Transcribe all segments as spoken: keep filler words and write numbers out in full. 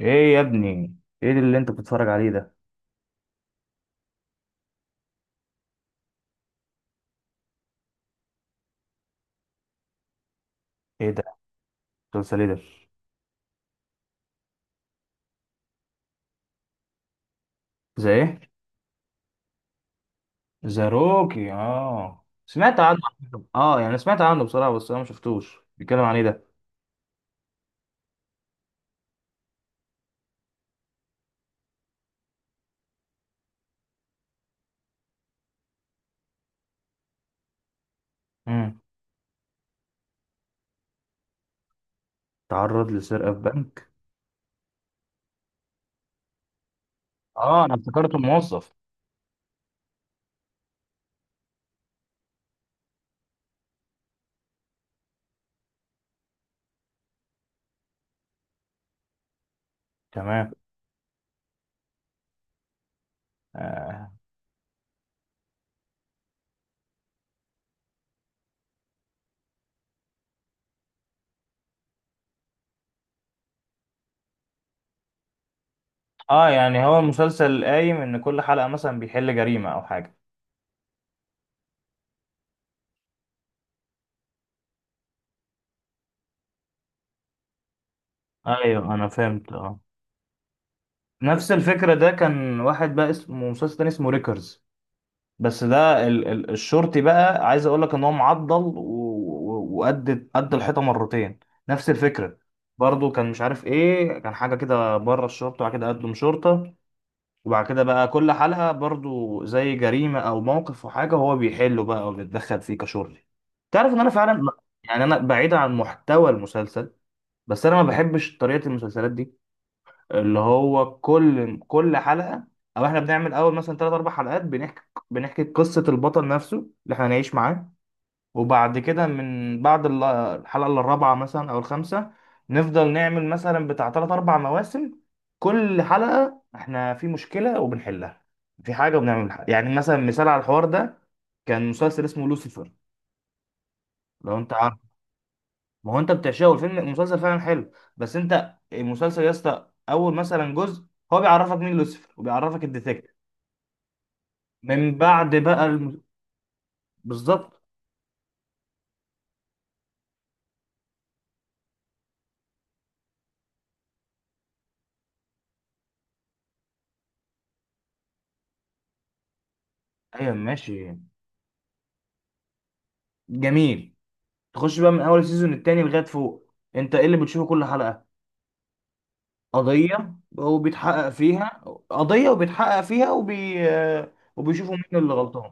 ايه يا ابني؟ ايه اللي انت بتتفرج عليه ده؟ ايه ده؟ مسلسل ايه ده؟ زي ايه؟ زي روكي، اه سمعت عنه على فكرة. اه يعني سمعت عنه بصراحه، بس انا ما شفتوش. بيتكلم عن ايه ده؟ امم، تعرض لسرقه في بنك؟ اه انا افتكرته موظف. تمام. آه. اه يعني هو المسلسل قايم ان كل حلقه مثلا بيحل جريمه او حاجه؟ ايوه انا فهمت اه. نفس الفكره، ده كان واحد بقى اسمه مسلسل تاني اسمه ريكرز. بس ده ال ال الشرطي، بقى عايز اقول لك ان هو معضل و- و- وقد قد الحيطه مرتين. نفس الفكره. برضه كان مش عارف ايه، كان حاجه كده بره الشرطه وبعد كده قدم شرطه. وبعد كده بقى كل حلقه برضه زي جريمه او موقف وحاجه هو بيحله بقى وبيتدخل فيه كشرطي. تعرف ان انا فعلا، يعني انا بعيدا عن محتوى المسلسل، بس انا ما بحبش طريقه المسلسلات دي، اللي هو كل كل حلقة، او احنا بنعمل اول مثلا ثلاث اربع حلقات بنحكي بنحكي قصة البطل نفسه اللي احنا هنعيش معاه. وبعد كده من بعد ال- الحلقة الرابعة مثلا او الخامسة، نفضل نعمل مثلا بتاع ثلاث اربع مواسم، كل حلقة احنا في مشكلة وبنحلها، في حاجة وبنعمل حاجة. يعني مثلا مثال على الحوار ده، كان مسلسل اسمه لوسيفر. لو انت، ما هو انت بتعشقه، والفيلم المسلسل فعلا حلو، بس انت المسلسل يا اسطى، اول مثلا جزء هو بيعرفك مين لوسيفر وبيعرفك الديتكتيف. من بعد بقى الم... بالظبط. ايوه ماشي. جميل. تخش بقى من اول سيزون التاني لغايه فوق، انت ايه اللي بتشوفه كل حلقه؟ قضيه وبيتحقق فيها. قضيه وبيتحقق فيها وبي... وبيشوفوا مين اللي غلطان.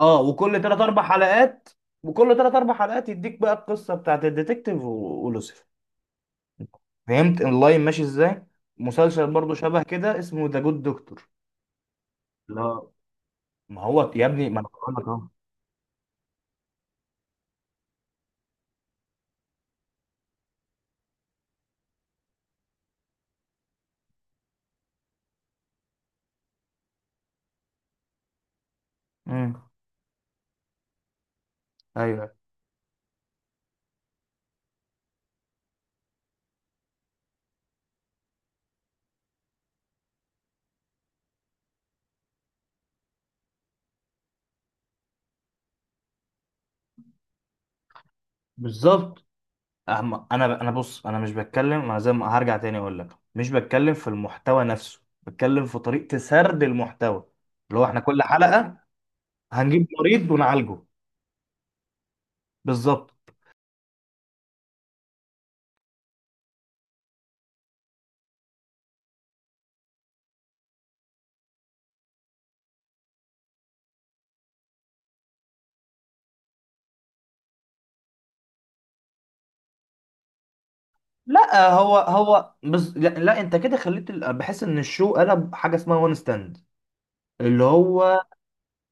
اه، وكل تلات اربع حلقات، وكل تلات اربع حلقات يديك بقى القصه بتاعت الديتكتيف و- ولوسيفر. فهمت اللاين ماشي ازاي؟ مسلسل برضو شبه كده اسمه ذا جود دكتور. لا، ما هو يا ابني ما انا بقول لك اهو. امم. ايوه بالظبط. أهم- انا انا بص انا مش بتكلم، انا زي ما هرجع تاني اقول لك، مش بتكلم في المحتوى نفسه، بتكلم في طريقة سرد المحتوى، اللي هو احنا كل حلقة هنجيب مريض ونعالجه. بالظبط. لا هو هو بز... لا, لا انت كده خليت ال- بحس ان الشو قلب حاجة اسمها وان ستاند، اللي هو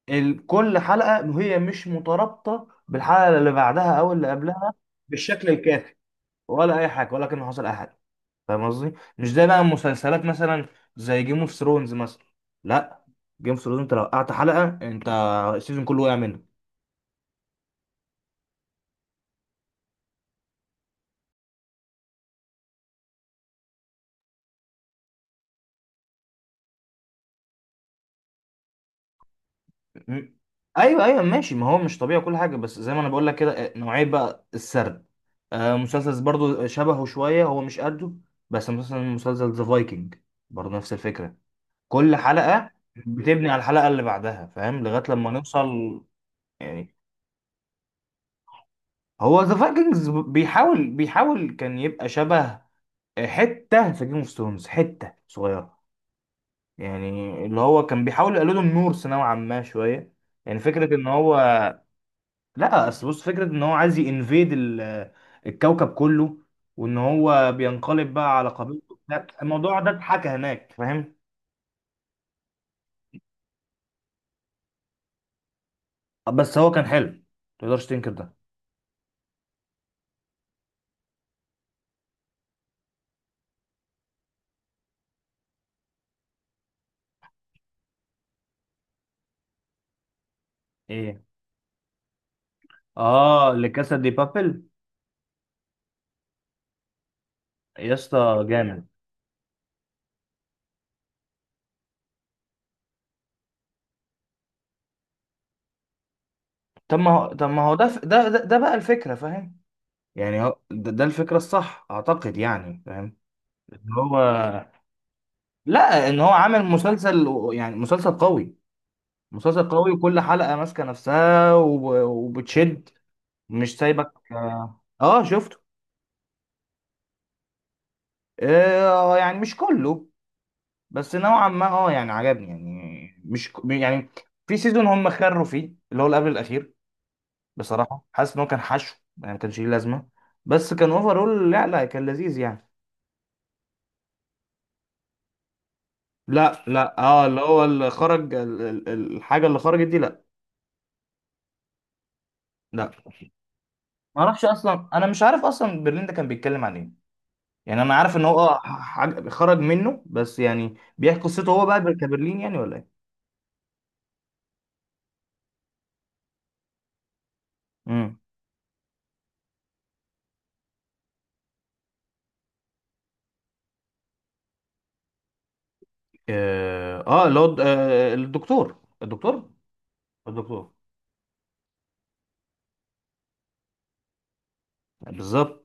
ال- كل حلقة هي مش مترابطة بالحلقة اللي بعدها أو اللي قبلها بالشكل الكافي، ولا أي حاجة، ولا كان حصل أي حاجة. فاهم قصدي؟ مش زي بقى مسلسلات مثلا زي جيم اوف ثرونز مثلا. لا، جيم اوف ثرونز أنت لو قطعت حلقة، أنت السيزون كله وقع منك. م- أيوه أيوه ماشي، ما هو مش طبيعي كل حاجة، بس زي ما أنا بقول لك كده، آه، نوعية بقى السرد. آه مسلسل برضه شبهه شوية، هو مش قده، بس مثلا مسلسل ذا فايكنج، برضه نفس الفكرة، كل حلقة بتبني على الحلقة اللي بعدها. فاهم؟ لغاية لما نوصل يعني، هو ذا فايكنجز بيحاول بيحاول كان يبقى شبه حتة في جيم اوف ثرونز، حتة صغيرة يعني، اللي هو كان بيحاول يقلده النورس نوعا ما شوية، يعني فكرة ان هو، لا اصل بص، فكرة ان هو عايز ينفيد ال- الكوكب كله، وان هو بينقلب بقى على قبيلته وبتاع. الموضوع ده اتحكى هناك، فاهم؟ بس هو كان حلو، متقدرش تنكر ده. ايه؟ اه لكاسا دي بابل. يا اسطى جامد. طب ما هو، طب ما هو ده ف- ده ده, ده بقى الفكرة، فاهم؟ يعني هو ده, ده الفكرة الصح اعتقد، يعني فاهم، ان هو، لا ان هو عامل مسلسل و- يعني مسلسل قوي. مسلسل قوي وكل حلقة ماسكة نفسها وب- وبتشد، مش سايبك. اه آه، شفته. آه يعني مش كله، بس نوعا ما اه، يعني عجبني يعني مش ك- يعني في سيزون هم خروا فيه، اللي هو اللي قبل الاخير، بصراحه حاسس ان هو كان حشو، يعني ما كانش ليه لازمه، بس كان اوفرول، لا لا كان لذيذ يعني. لا لا اه، اللي هو اللي خرج ال- ال- ال- الحاجه اللي خرجت دي، لا. لا ما اعرفش اصلا، انا مش عارف اصلا برلين ده كان بيتكلم عن ايه، يعني انا عارف ان هو اه حاجه خرج منه، بس يعني بيحكي قصته هو بقى كبرلين يعني، ولا ايه؟ امم. اه آه، اللي هو، آه، الدكتور، الدكتور، الدكتور بالظبط.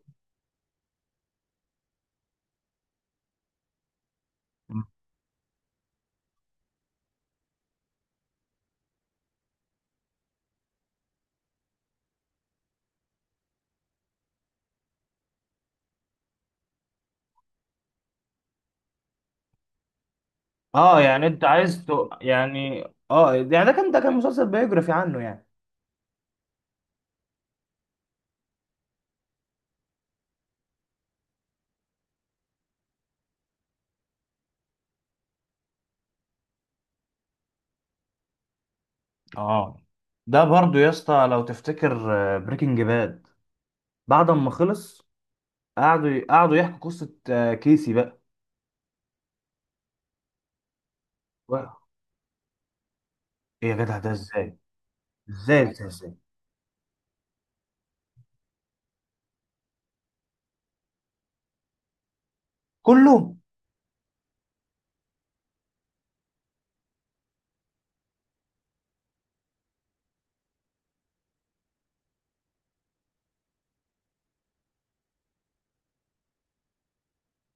اه يعني انت عايز ت- يعني، اه يعني ده كان، ده كان مسلسل بيوجرافي عنه يعني. اه ده برضو يا اسطى لو تفتكر، بريكنج باد بعد ما خلص، قعدوا قعدوا يحكوا قصة آه، كيسي بقى. و- ايه يا جدع ده ازاي؟ ازاي ازاي ازاي كله؟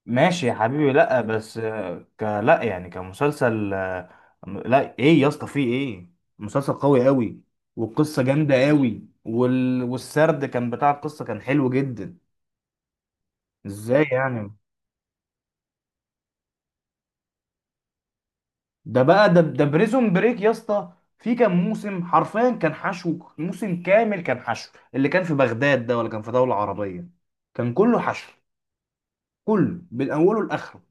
ماشي يا حبيبي. لا بس آه، ك لا يعني كمسلسل، آه، م- لا ايه يا اسطى، فيه ايه؟ مسلسل قوي قوي، والقصة جامدة قوي، وال... والسرد كان، بتاع القصة كان حلو جدا. ازاي يعني؟ ده بقى ده ده بريزون بريك يا اسطى، في كام موسم حرفيا كان حشو. موسم كامل كان حشو، اللي كان في بغداد ده ولا كان في دولة عربية، كان كله حشو، كله من اوله لاخره.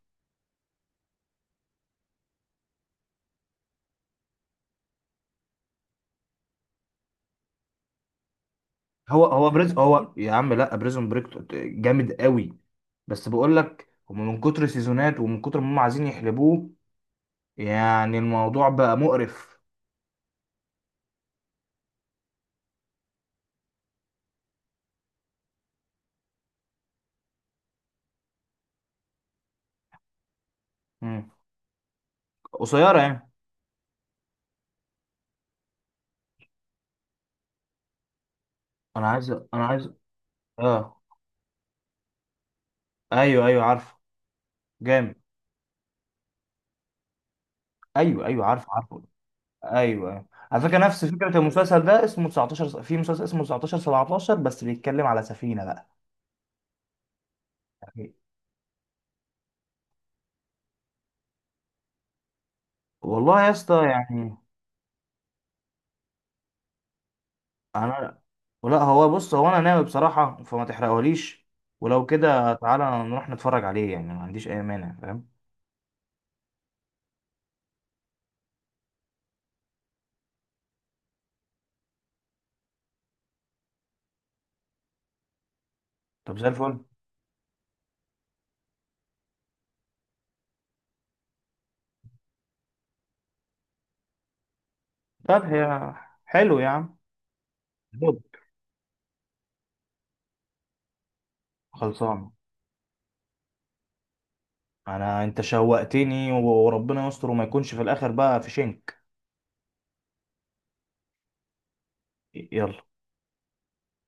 هو هو بريز هو يا عم، لا بريزون بريك جامد قوي، بس بقول لك هم من كتر سيزونات ومن كتر ما هم عايزين يحلبوه، يعني الموضوع بقى مقرف. مم. قصيرة يعني؟ انا عايز انا عايز اه. ايوه ايوه عارفه. جامد. ايوه ايوه عارفه عارفه. ايوه. على فكره نفس فكره المسلسل ده اسمه 19 س- في مسلسل اسمه تسعتاشر سبعتاشر، بس بيتكلم على سفينه بقى. يعني والله يا اسطى، يعني انا، لا هو بص، هو انا ناوي بصراحه، فما تحرقهوليش، ولو كده تعالى نروح نتفرج عليه، يعني ما عنديش اي مانع، فاهم؟ طب زي الفل. طب هي، حلو يا عم. دوب. خلصان. انا انت شوقتني و- وربنا يستر، وما يكونش في الاخر بقى في شنك. يلا.